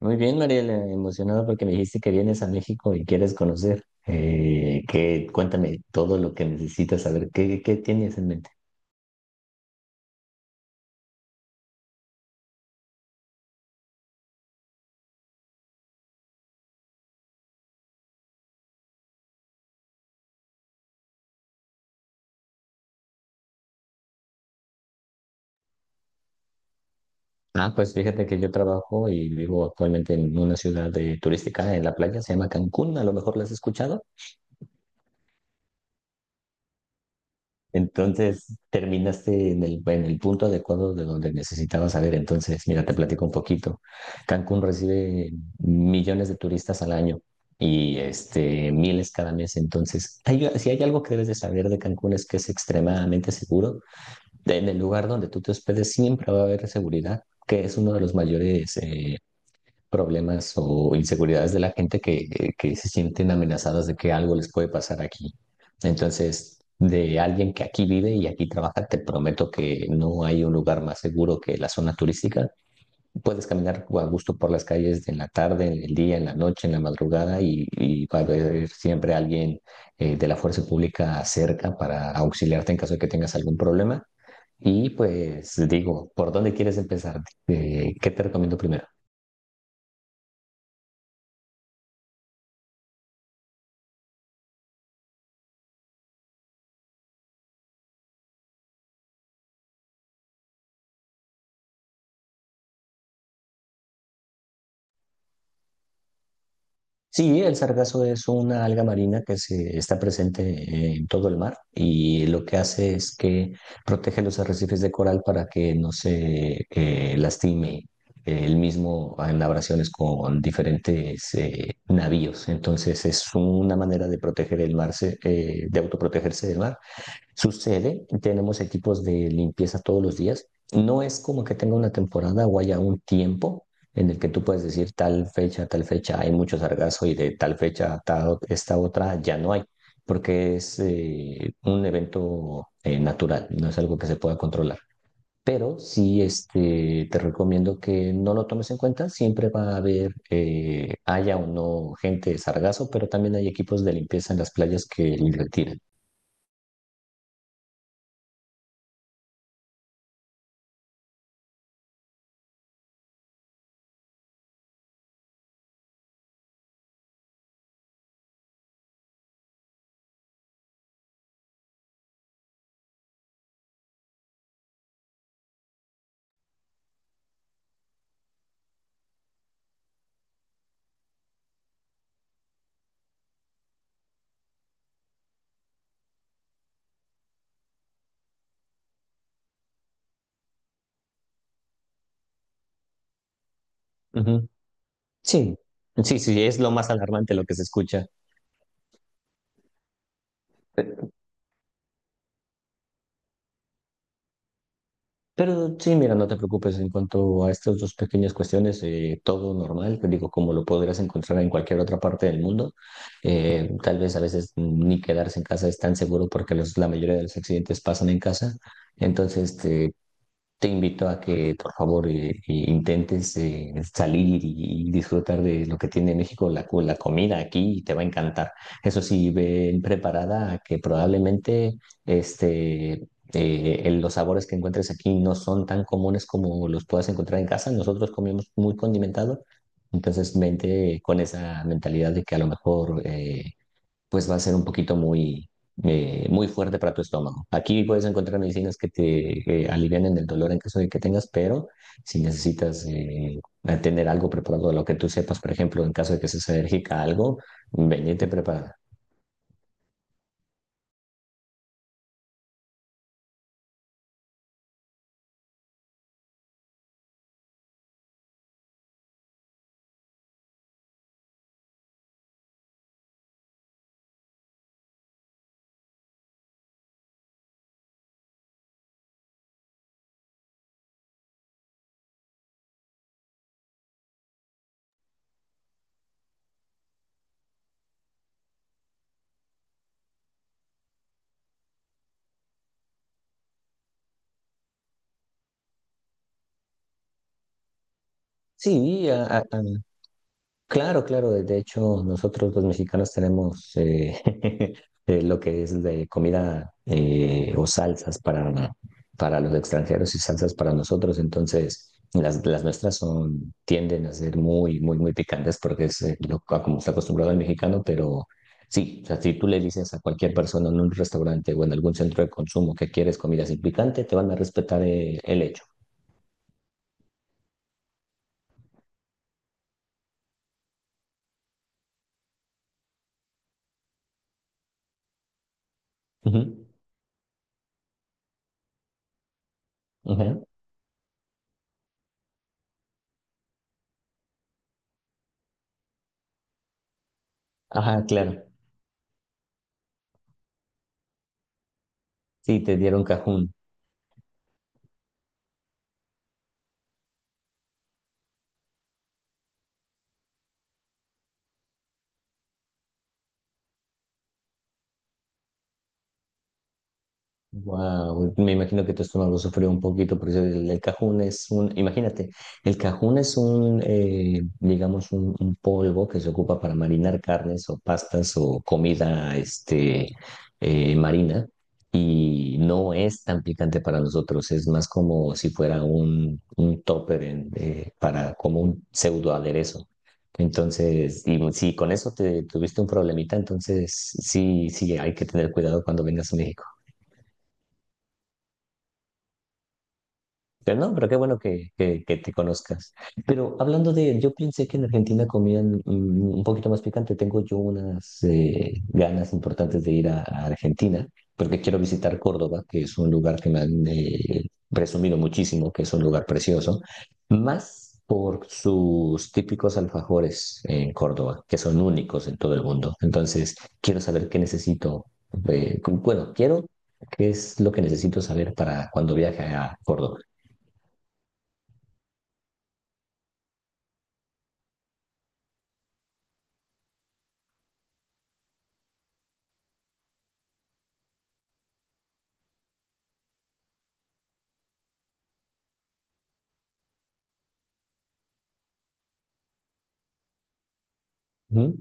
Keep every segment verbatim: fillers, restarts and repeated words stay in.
Muy bien, Mariela, emocionado porque me dijiste que vienes a México y quieres conocer. Eh, ¿qué? Cuéntame todo lo que necesitas saber. ¿Qué, qué tienes en mente? Ah, pues fíjate que yo trabajo y vivo actualmente en una ciudad eh, turística en la playa, se llama Cancún, a lo mejor la has escuchado. Entonces, terminaste en el, en el punto adecuado de donde necesitabas saber. Entonces, mira, te platico un poquito. Cancún recibe millones de turistas al año y este, miles cada mes. Entonces, hay- si hay algo que debes de saber de Cancún es que es extremadamente seguro. En el lugar donde tú te hospedes siempre va a haber seguridad, que es uno de los mayores eh, problemas o inseguridades de la gente que, que se sienten amenazadas de que algo les puede pasar aquí. Entonces, de alguien que aquí vive y aquí trabaja, te prometo que no hay un lugar más seguro que la zona turística. Puedes caminar a gusto por las calles en la tarde, en el día, en la noche, en la madrugada y, y va a haber siempre alguien eh, de la fuerza pública cerca para auxiliarte en caso de que tengas algún problema. Y pues digo, ¿por dónde quieres empezar? Eh, ¿qué te recomiendo primero? Sí, el sargazo es una alga marina que se está presente eh, en todo el mar y lo que hace es que protege los arrecifes de coral para que no se eh, lastime el mismo en abrasiones con diferentes eh, navíos. Entonces es una manera de proteger el mar, se- eh, de autoprotegerse del mar. Sucede, tenemos equipos de limpieza todos los días. No es como que tenga una temporada o haya un tiempo en el que tú puedes decir tal fecha, tal fecha, hay mucho sargazo y de tal fecha a ta- esta otra ya no hay, porque es eh, un evento eh, natural, no es algo que se pueda controlar. Pero sí, este, te recomiendo que no lo tomes en cuenta. Siempre va a haber, eh, haya o no gente de sargazo, pero también hay equipos de limpieza en las playas que le retiran. Ujú. Sí, sí, sí, es lo más alarmante lo que se escucha. Pe- Pero sí, mira, no te preocupes en cuanto a estas dos pequeñas cuestiones, eh, todo normal, te digo, como lo podrías encontrar en cualquier otra parte del mundo. Eh, tal vez a veces ni quedarse en casa es tan seguro porque los- la mayoría de los accidentes pasan en casa. Entonces, este, te invito a que, por favor, eh, eh, intentes eh, salir y, y disfrutar de lo que tiene México, la, co- la comida aquí, y te va a encantar. Eso sí, ven preparada a que probablemente este, eh, el- los sabores que encuentres aquí no son tan comunes como los puedas encontrar en casa. Nosotros comemos muy condimentado, entonces vente con esa mentalidad de que a lo mejor eh, pues va a ser un poquito muy, eh, muy fuerte para tu estómago. Aquí puedes encontrar medicinas que te eh, alivianen el dolor en caso de que tengas, pero si necesitas eh, tener algo preparado, lo que tú sepas, por ejemplo, en caso de que seas alérgica a algo, vengete preparada. Sí, claro, claro. De de hecho, nosotros los mexicanos tenemos eh, eh, lo que es de comida eh, o salsas para, para los extranjeros y salsas para nosotros. Entonces, las, las nuestras son, tienden a ser muy, muy, muy picantes porque es eh, lo, a como está acostumbrado el mexicano, pero sí, o sea, si tú le dices a cualquier persona en un restaurante o en algún centro de consumo que quieres comida sin picante, te van a respetar eh, el hecho. Ujú, ujú. Ajá, claro. Sí, te dieron cajún. Wow, me imagino que tu estómago lo sufrió un poquito, porque el, el cajún es un, imagínate, el cajún es un, eh, digamos, un, un polvo que se ocupa para marinar carnes o pastas o comida, este, eh, marina, y no es tan picante para nosotros, es más como si fuera un, un topper en- eh, para, como un pseudo aderezo. Entonces, y si con eso te tuviste un problemita, entonces sí, sí, hay que tener cuidado cuando vengas a México. Pero no, pero qué bueno que, que, que te conozcas. Pero hablando de, yo pensé que en Argentina comían mm, un poquito más picante. Tengo yo unas eh, ganas importantes de ir a, a Argentina, porque quiero visitar Córdoba, que es un lugar que me han eh, presumido muchísimo, que es un lugar precioso, más por sus típicos alfajores en Córdoba, que son únicos en todo el mundo. Entonces, quiero saber qué necesito. Eh, cu- bueno, quiero qué es lo que necesito saber para cuando viaje a Córdoba. Ujú,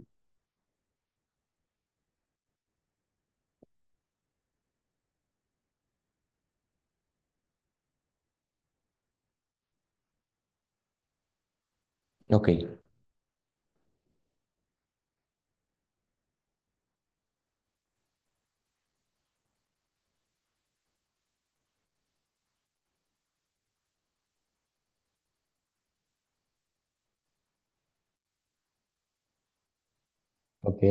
ok, ok.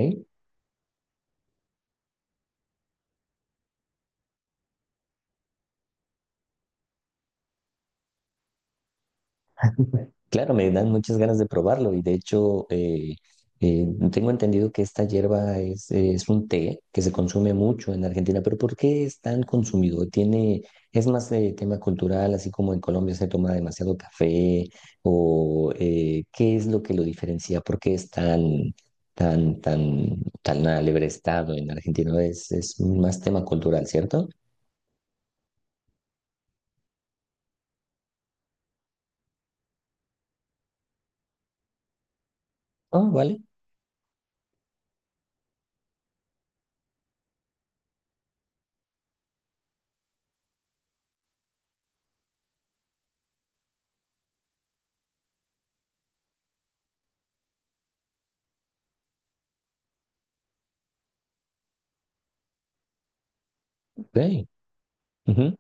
Claro, me dan muchas ganas de probarlo y de hecho eh, eh, tengo entendido que esta hierba es, eh, es un té que se consume mucho en Argentina, pero ¿por qué es tan consumido? Tiene, es más de tema cultural, así como en Colombia se toma demasiado café o eh, ¿qué es lo que lo diferencia? ¿Por qué es tan, tan, tan, tan alegre estado en Argentina? Es, es más tema cultural, ¿cierto? Oh, vale, ok. Ujú.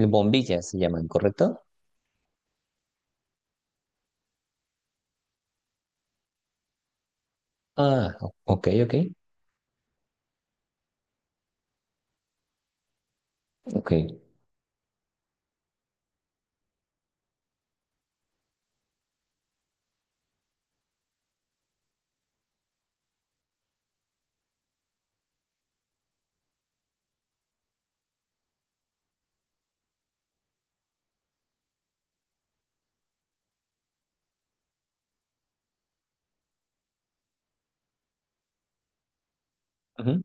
Bombillas se llaman, ¿correcto? Ah, o- ok, ok, ok. Ujú,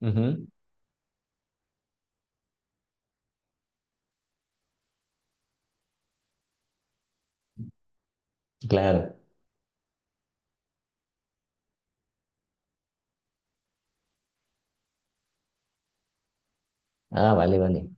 ujú, claro. Ah, vale, vale.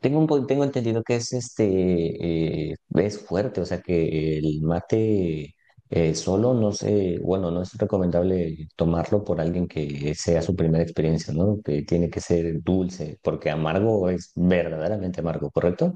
Tengo un po- tengo entendido que es este eh, es fuerte, o sea que el mate eh, solo no sé, bueno, no es recomendable tomarlo por alguien que sea su primera experiencia, ¿no? Que tiene que ser dulce, porque amargo es verdaderamente amargo, ¿correcto?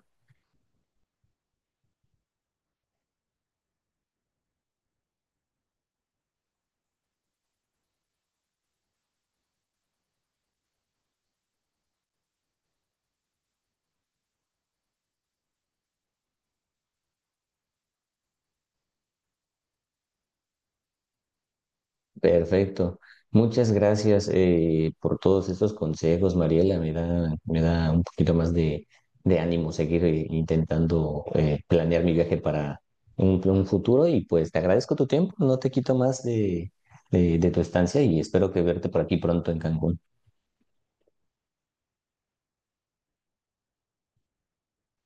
Perfecto. Muchas gracias eh, por todos estos consejos, Mariela. Me da, me da un poquito más de, de ánimo seguir eh, intentando eh, planear mi viaje para un, un futuro y pues te agradezco tu tiempo. No te quito más de, de de tu estancia y espero que verte por aquí pronto en Cancún.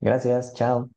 Gracias, chao.